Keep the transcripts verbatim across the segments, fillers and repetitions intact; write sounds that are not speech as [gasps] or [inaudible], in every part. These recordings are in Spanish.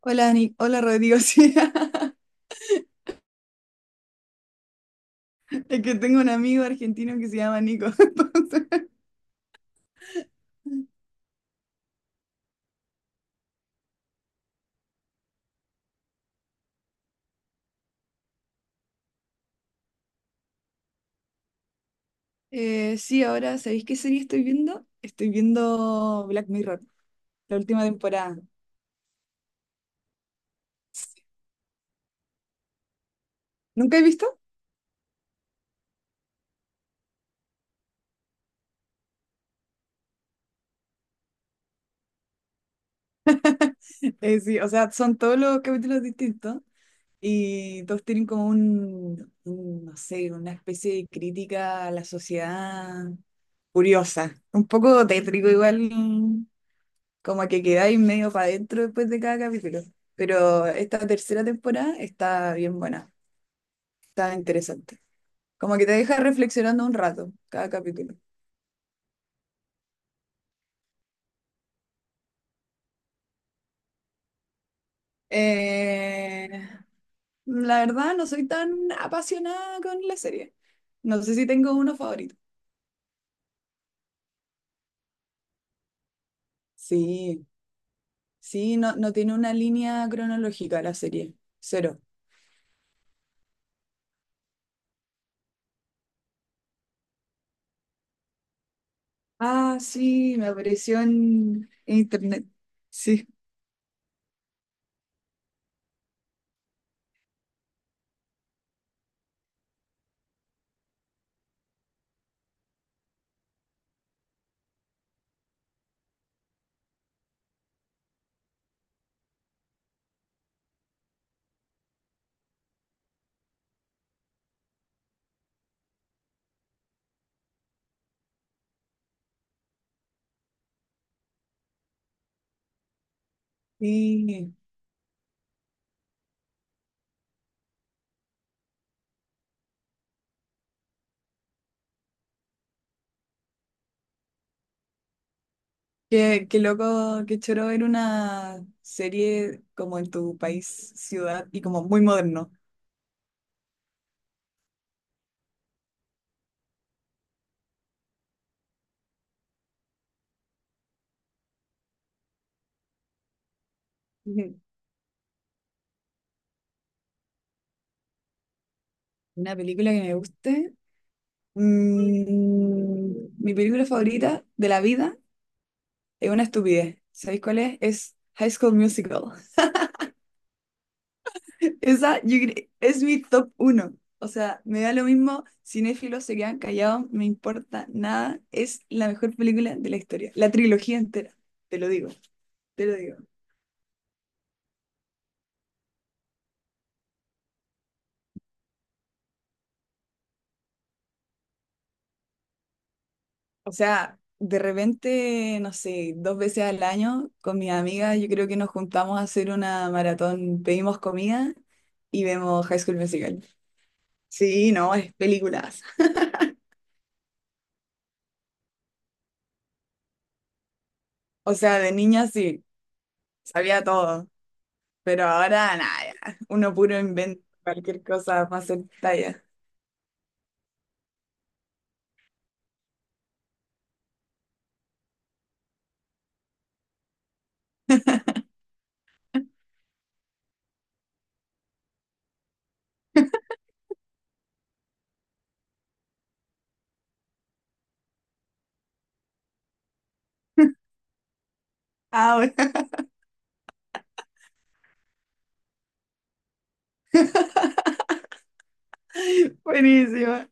Hola, Ani- hola Rodrigo. [laughs] Sí, es que tengo un amigo argentino que se llama Nico. [laughs] Entonces, eh, sí, ahora, ¿sabéis qué serie estoy viendo? Estoy viendo Black Mirror, la última temporada. ¿Nunca he visto? [laughs] Eh, sí, o sea, son todos los capítulos distintos y todos tienen como un, un, no sé, una especie de crítica a la sociedad curiosa. Un poco tétrico igual, como que quedáis medio para adentro después de cada capítulo. Pero esta tercera temporada está bien buena, está interesante. Como que te deja reflexionando un rato cada capítulo. Eh, la verdad, no soy tan apasionada con la serie. No sé si tengo uno favorito. Sí, sí, no, no tiene una línea cronológica la serie. Cero. Ah, sí, me apareció en internet. Sí, sí. Qué, qué loco, qué choro ver una serie como en tu país, ciudad y como muy moderno. Ujú. Una película que me guste. Mm, mi película favorita de la vida es una estupidez. ¿Sabéis cuál es? Es High School Musical. [laughs] Esa yo cre- es mi top uno. O sea, me da lo mismo, cinéfilos se quedan callados, no me importa nada. Es la mejor película de la historia. La trilogía entera, te lo digo, te lo digo. O sea, de repente, no sé, dos veces al año con mis amigas, yo creo que nos juntamos a hacer una maratón, pedimos comida y vemos High School Musical. Sí, no, es películas. O sea, de niña sí, sabía todo, pero ahora nada, ya, uno puro inventa cualquier cosa para hacer talla. Ahora, [laughs] buenísima.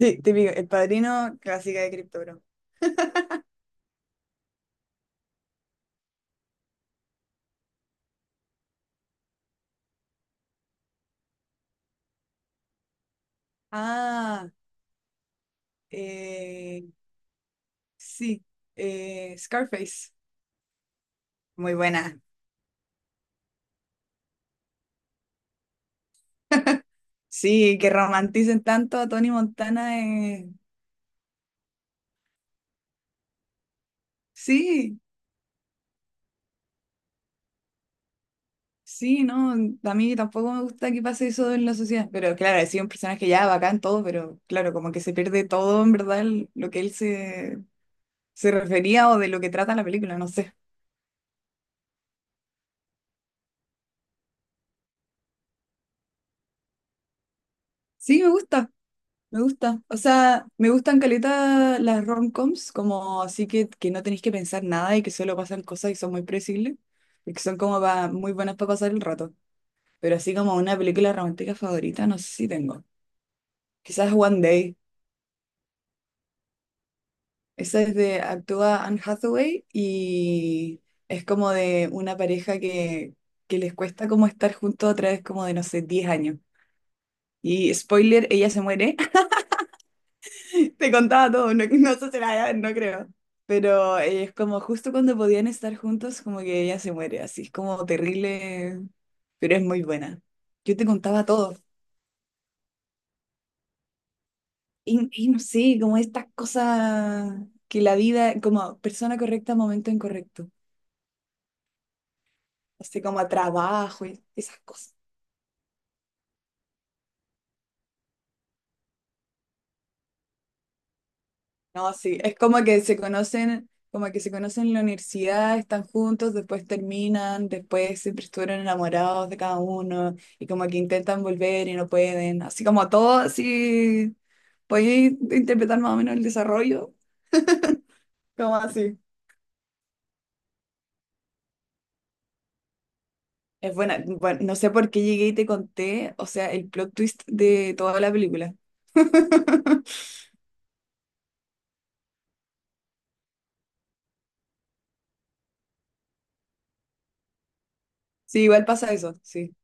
Sí, típico, el padrino clásica de Crypto. [laughs] Ah, eh, Sí, eh, Scarface. Muy buena. Sí, que romanticen tanto a Tony Montana. eh, Sí, sí, no. A mí tampoco me gusta que pase eso en la sociedad. Pero claro, ha sido un personaje ya bacán todo, pero claro, como que se pierde todo en verdad el- lo que él se, se refería o de lo que trata la película, no sé. Sí, me gusta. Me gusta, o sea, me gustan caleta las romcoms, como así que, que no tenéis que pensar nada y que solo pasan cosas y son muy predecibles, y que son como pa- muy buenas para pasar el rato. Pero así como una película romántica favorita, no sé si tengo. Quizás One Day. Esa es de, actúa Anne Hathaway y es como de una pareja que, que les cuesta como estar juntos a través como de, no sé, diez años. Y spoiler, ella se muere. [laughs] Te contaba todo, no, no sé si la- no creo. Pero eh, es como justo cuando podían estar juntos, como que ella se muere, así es como terrible, pero es muy buena. Yo te contaba todo. Y, y no sé, como estas cosas que la vida, como persona correcta, momento incorrecto. Así como a trabajo y esas cosas. No, sí, es como que se conocen, como que se conocen en la universidad, están juntos, después terminan, después siempre estuvieron enamorados de cada uno y como que intentan volver y no pueden, así como todo, así, podéis interpretar más o menos el desarrollo, como así. Es buena, bueno, no sé por qué llegué y te conté, o sea, el plot twist de toda la película. [laughs] Sí, igual pasa eso, sí,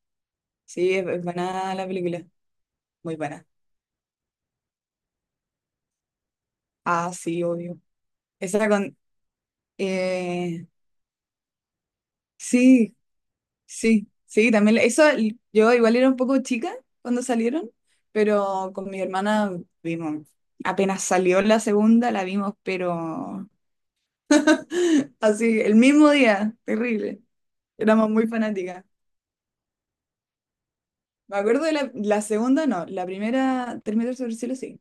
sí, es, es buena la película, muy buena. Ah, sí, obvio. Esa con... eh, Sí, sí, sí, también le- eso, l- yo igual era un poco chica cuando salieron, pero con mi hermana vimos, apenas salió la segunda, la vimos, pero [laughs] así, el mismo día, terrible, éramos muy fanáticas. Me acuerdo de la, la segunda, no, la primera, Tres metros sobre el cielo, sí,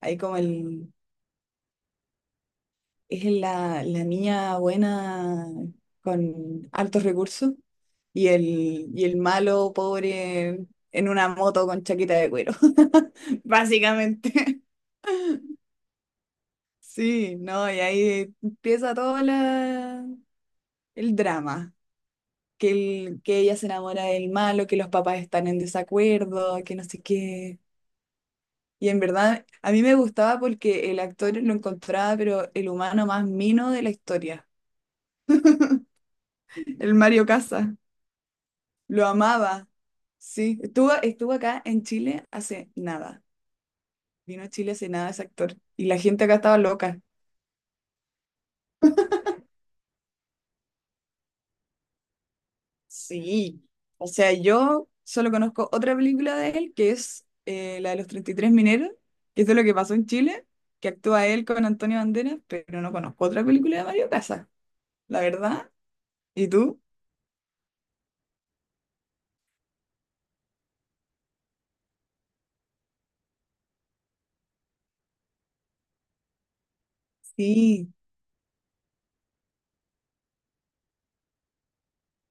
ahí como el, es la, la niña buena con altos recursos y el, y el malo pobre en una moto con chaqueta de cuero, [laughs] básicamente. Sí, no, y ahí empieza todo la, el drama, que, el- que ella se enamora del malo, que los papás están en desacuerdo, que no sé qué. Y en verdad, a mí me gustaba porque el actor lo encontraba, pero el humano más mino de la historia, [laughs] el Mario Casas. Lo amaba. Sí, estuvo, estuvo acá en Chile hace nada. Vino a Chile hace nada ese actor. Y la gente acá estaba loca. Sí. O sea, yo solo conozco otra película de él, que es eh, la de los treinta y tres mineros, que es de lo que pasó en Chile, que actúa él con Antonio Banderas, pero no conozco otra película de Mario Casas, la verdad. ¿Y tú? Sí,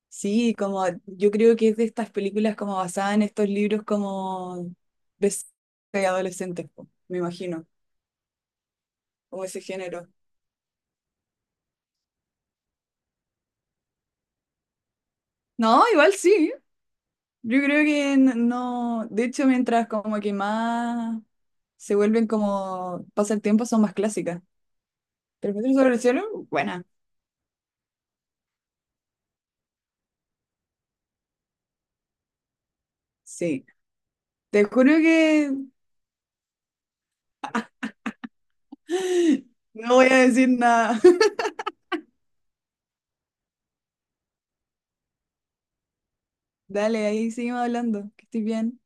sí, como yo creo que es de estas películas como basadas en estos libros como de adolescentes, po, me imagino. Como ese género. No, igual sí. Yo creo que n- no. De hecho, mientras como que más se vuelven como pasa el tiempo, son más clásicas. Pero Metro sobre el cielo, buena. Sí. Te juro que [gasps] no voy a decir nada. [laughs] Dale, ahí seguimos hablando. Que estés bien.